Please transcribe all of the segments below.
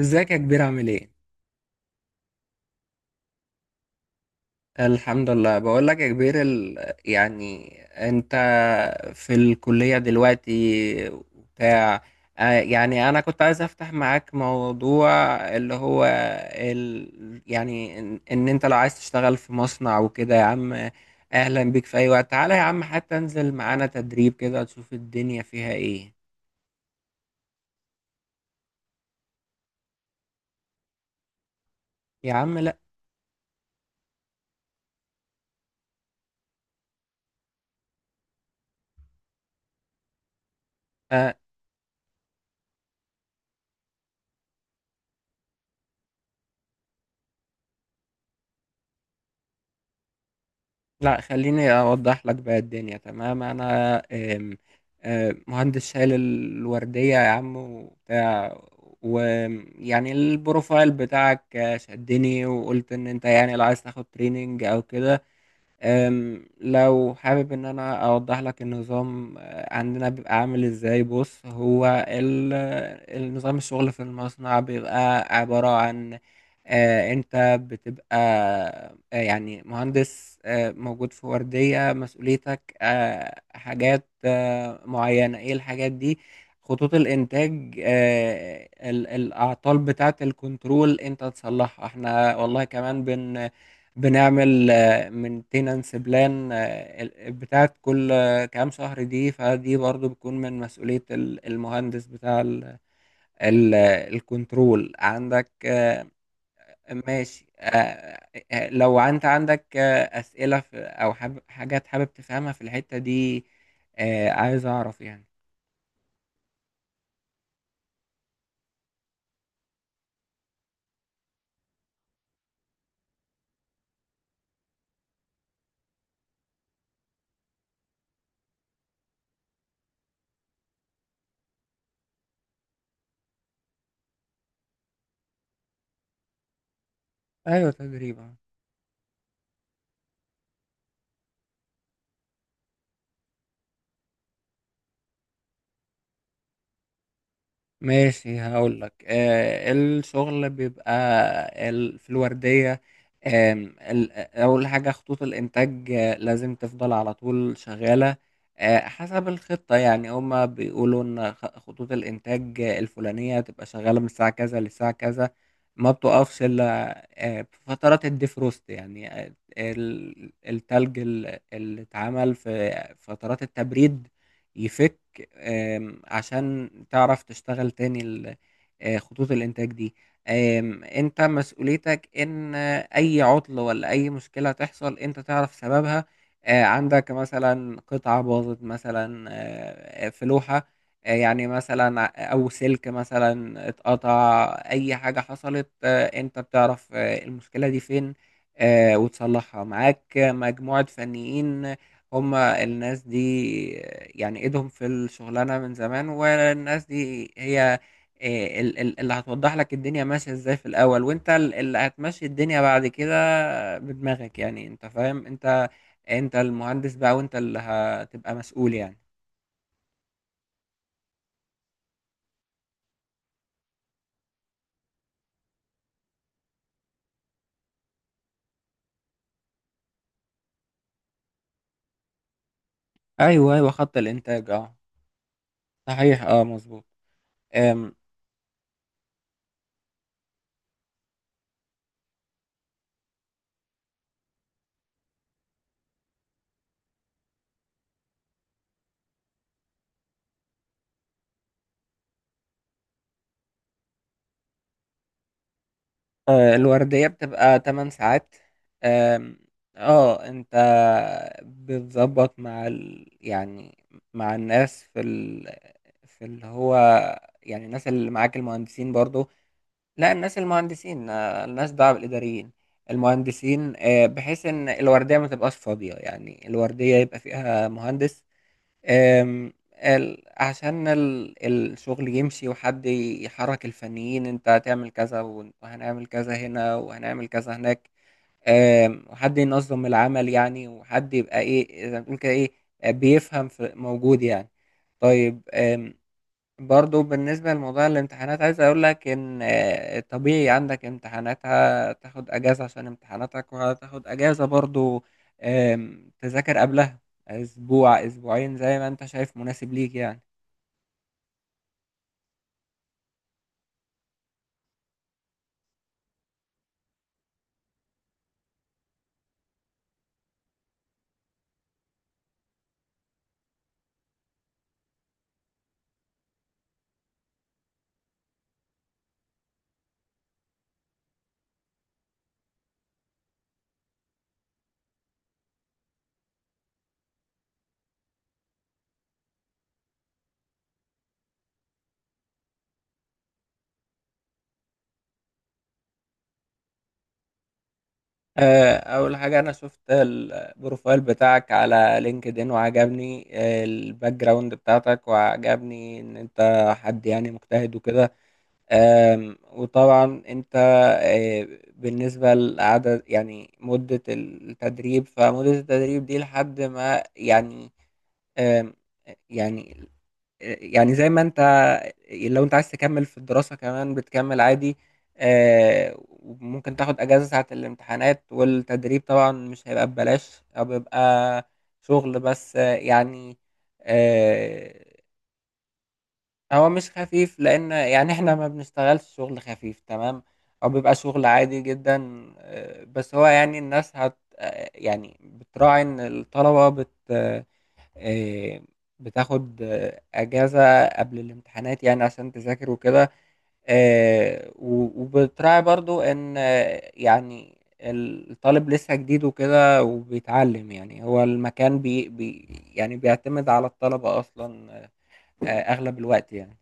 ازيك يا كبير؟ عامل ايه؟ الحمد لله. بقول لك يا كبير، ال... يعني انت في الكلية دلوقتي وبتاع؟ يعني انا كنت عايز افتح معاك موضوع، اللي هو ال... يعني ان انت لو عايز تشتغل في مصنع وكده يا عم، اهلا بيك في اي وقت. تعالى يا عم حتى انزل معانا تدريب كده تشوف الدنيا فيها ايه. يا عم لا، آه، لا خليني أوضح لك بقى الدنيا. تمام أنا آم، آم، مهندس شايل الوردية يا عم وبتاع، ويعني البروفايل بتاعك شدني وقلت إن أنت يعني لو عايز تاخد تريننج أو كده. لو حابب ان انا اوضح لك النظام عندنا بيبقى عامل ازاي، بص هو النظام الشغل في المصنع بيبقى عبارة عن انت بتبقى يعني مهندس موجود في وردية. مسؤوليتك حاجات معينة. ايه الحاجات دي؟ خطوط الانتاج، الاعطال بتاعة الكنترول انت تصلحها، احنا والله كمان بنعمل مينتيننس بلان بتاعت كل كام شهر دي، فدي برضو بتكون من مسؤولية المهندس بتاع ال- الكنترول عندك. ماشي. لو انت عندك أسئلة حاجات حابب تفهمها في الحتة دي، عايز اعرف يعني. ايوه تدريب، آه. ماشي هقول لك، الشغل بيبقى في الوردية، أول حاجة خطوط الإنتاج لازم تفضل على طول شغالة، حسب الخطة. يعني هما بيقولوا إن خطوط الإنتاج الفلانية تبقى شغالة من الساعة كذا للساعة كذا، ما بتقفش إلا في فترات الديفروست. يعني التلج اللي اتعمل في فترات التبريد يفك، عشان تعرف تشتغل تاني خطوط الإنتاج دي. أنت مسؤوليتك إن أي عطل ولا أي مشكلة تحصل أنت تعرف سببها. عندك مثلا قطعة باظت مثلا، في لوحة، يعني مثلا أو سلك مثلا اتقطع، أي حاجة حصلت أنت بتعرف المشكلة دي فين وتصلحها. معاك مجموعة فنيين، هم الناس دي يعني ايدهم في الشغلانة من زمان، والناس دي هي اللي هتوضح لك الدنيا ماشية ازاي في الاول، وانت اللي هتمشي الدنيا بعد كده بدماغك. يعني انت فاهم، انت المهندس بقى، وانت اللي هتبقى مسؤول يعني. ايوه ايوه، خط الانتاج اه. صحيح اه، مظبوط. أم، آه، الوردية بتبقى 8 ساعات. آم، اه انت بتظبط مع يعني مع الناس في ال... في اللي هو يعني الناس اللي معاك المهندسين برضو. لا الناس المهندسين الناس بقى الإداريين المهندسين، بحيث ان الوردية ما تبقاش فاضية. يعني الوردية يبقى فيها مهندس عشان الشغل يمشي، وحد يحرك الفنيين، انت هتعمل كذا وهنعمل كذا هنا وهنعمل كذا هناك، وحد ينظم العمل. يعني وحد يبقى ايه زي ما بتقول كده، ايه، بيفهم في موجود يعني. طيب، برضو بالنسبة لموضوع الامتحانات عايز أقول لك إن طبيعي عندك امتحانات هتاخد أجازة عشان امتحاناتك، وهتاخد أجازة برضو تذاكر قبلها أسبوع أسبوعين زي ما أنت شايف مناسب ليك يعني. أول حاجة أنا شفت البروفايل بتاعك على لينكد إن وعجبني الباك جراوند بتاعتك، وعجبني إن أنت حد يعني مجتهد وكده. وطبعا انت آه، بالنسبة لعدد يعني مدة التدريب، فمدة التدريب دي لحد ما يعني آم، يعني يعني زي ما انت، لو انت عايز تكمل في الدراسة كمان بتكمل عادي. وممكن تاخد اجازة ساعة الامتحانات. والتدريب طبعا مش هيبقى ببلاش، او بيبقى شغل بس آه، هو مش خفيف، لان يعني احنا ما بنشتغلش شغل خفيف تمام، او بيبقى شغل عادي جدا. بس هو يعني الناس هت آه، يعني بتراعي ان الطلبة بت آه، آه، بتاخد اجازة قبل الامتحانات يعني عشان تذاكر وكده، وبتراعي برضو ان يعني الطالب لسه جديد وكده وبيتعلم. يعني هو المكان بي بي يعني بيعتمد على الطلبة اصلا اغلب الوقت يعني.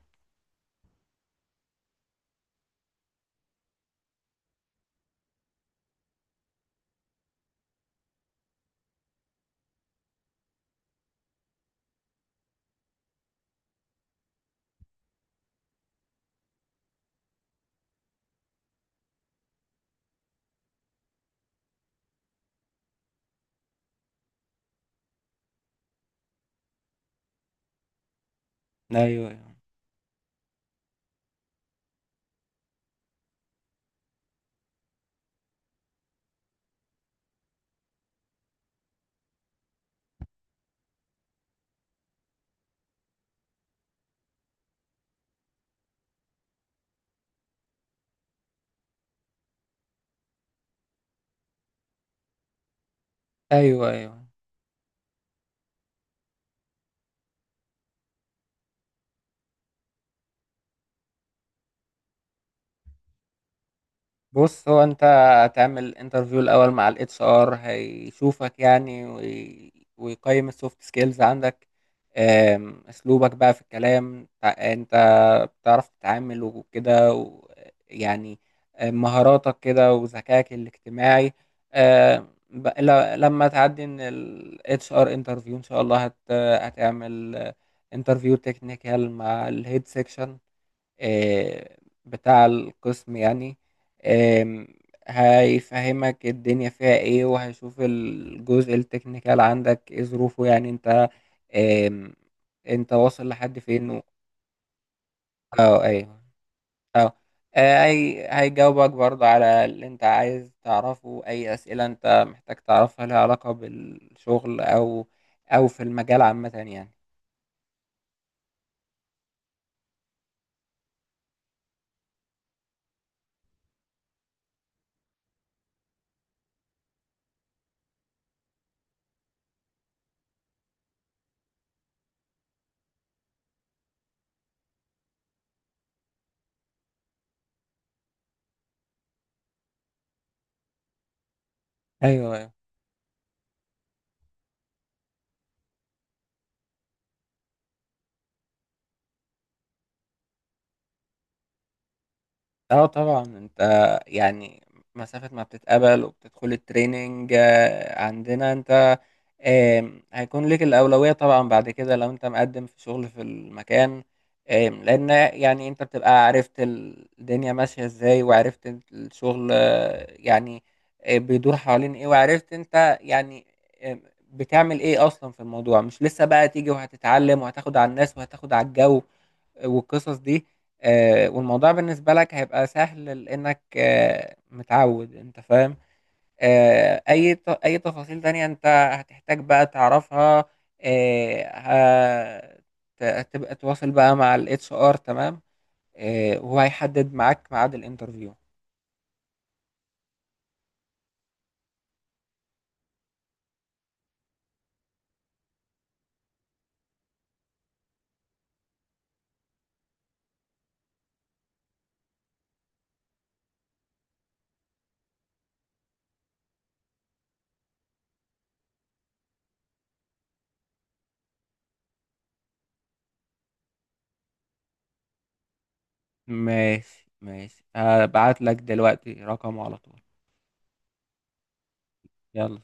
أيوه، أيوه. أيوه، أيوه. بُص، هو أنت هتعمل interview الأول مع الHR، هيشوفك يعني ويقيّم الsoft skills عندك، أسلوبك بقى في الكلام، أنت بتعرف تتعامل وكده، ويعني مهاراتك كده وذكائك الاجتماعي. ب ل لمّا تعدّي من الHR interview إن شاء الله هتعمل interview technical مع الhead section. آه، بتاع القسم يعني، آم، هيفهمك الدنيا فيها ايه، وهيشوف الجزء التكنيكال عندك ايه ظروفه. يعني انت آم، انت واصل لحد فين اه ايوه، اه. هي هيجاوبك برضه على اللي انت عايز تعرفه، اي اسئلة انت محتاج تعرفها لها علاقة بالشغل، او او في المجال عامة يعني. ايوه اه، طبعا انت يعني مسافة ما بتتقبل وبتدخل التريننج عندنا انت هيكون لك الأولوية طبعا بعد كده لو انت مقدم في شغل في المكان. لأن يعني انت بتبقى عرفت الدنيا ماشية ازاي، وعرفت الشغل بيدور حوالين ايه، وعرفت انت يعني آم، بتعمل ايه اصلا في الموضوع. مش لسه بقى تيجي وهتتعلم وهتاخد على الناس وهتاخد على الجو والقصص دي. والموضوع بالنسبة لك هيبقى سهل لأنك متعود، أنت فاهم. أي تفاصيل تانية أنت هتحتاج بقى تعرفها، هتبقى تواصل بقى مع ال HR، تمام. وهو هيحدد معاك ميعاد الانترفيو. ماشي ماشي، هبعت لك دلوقتي رقمه على طول. يلا.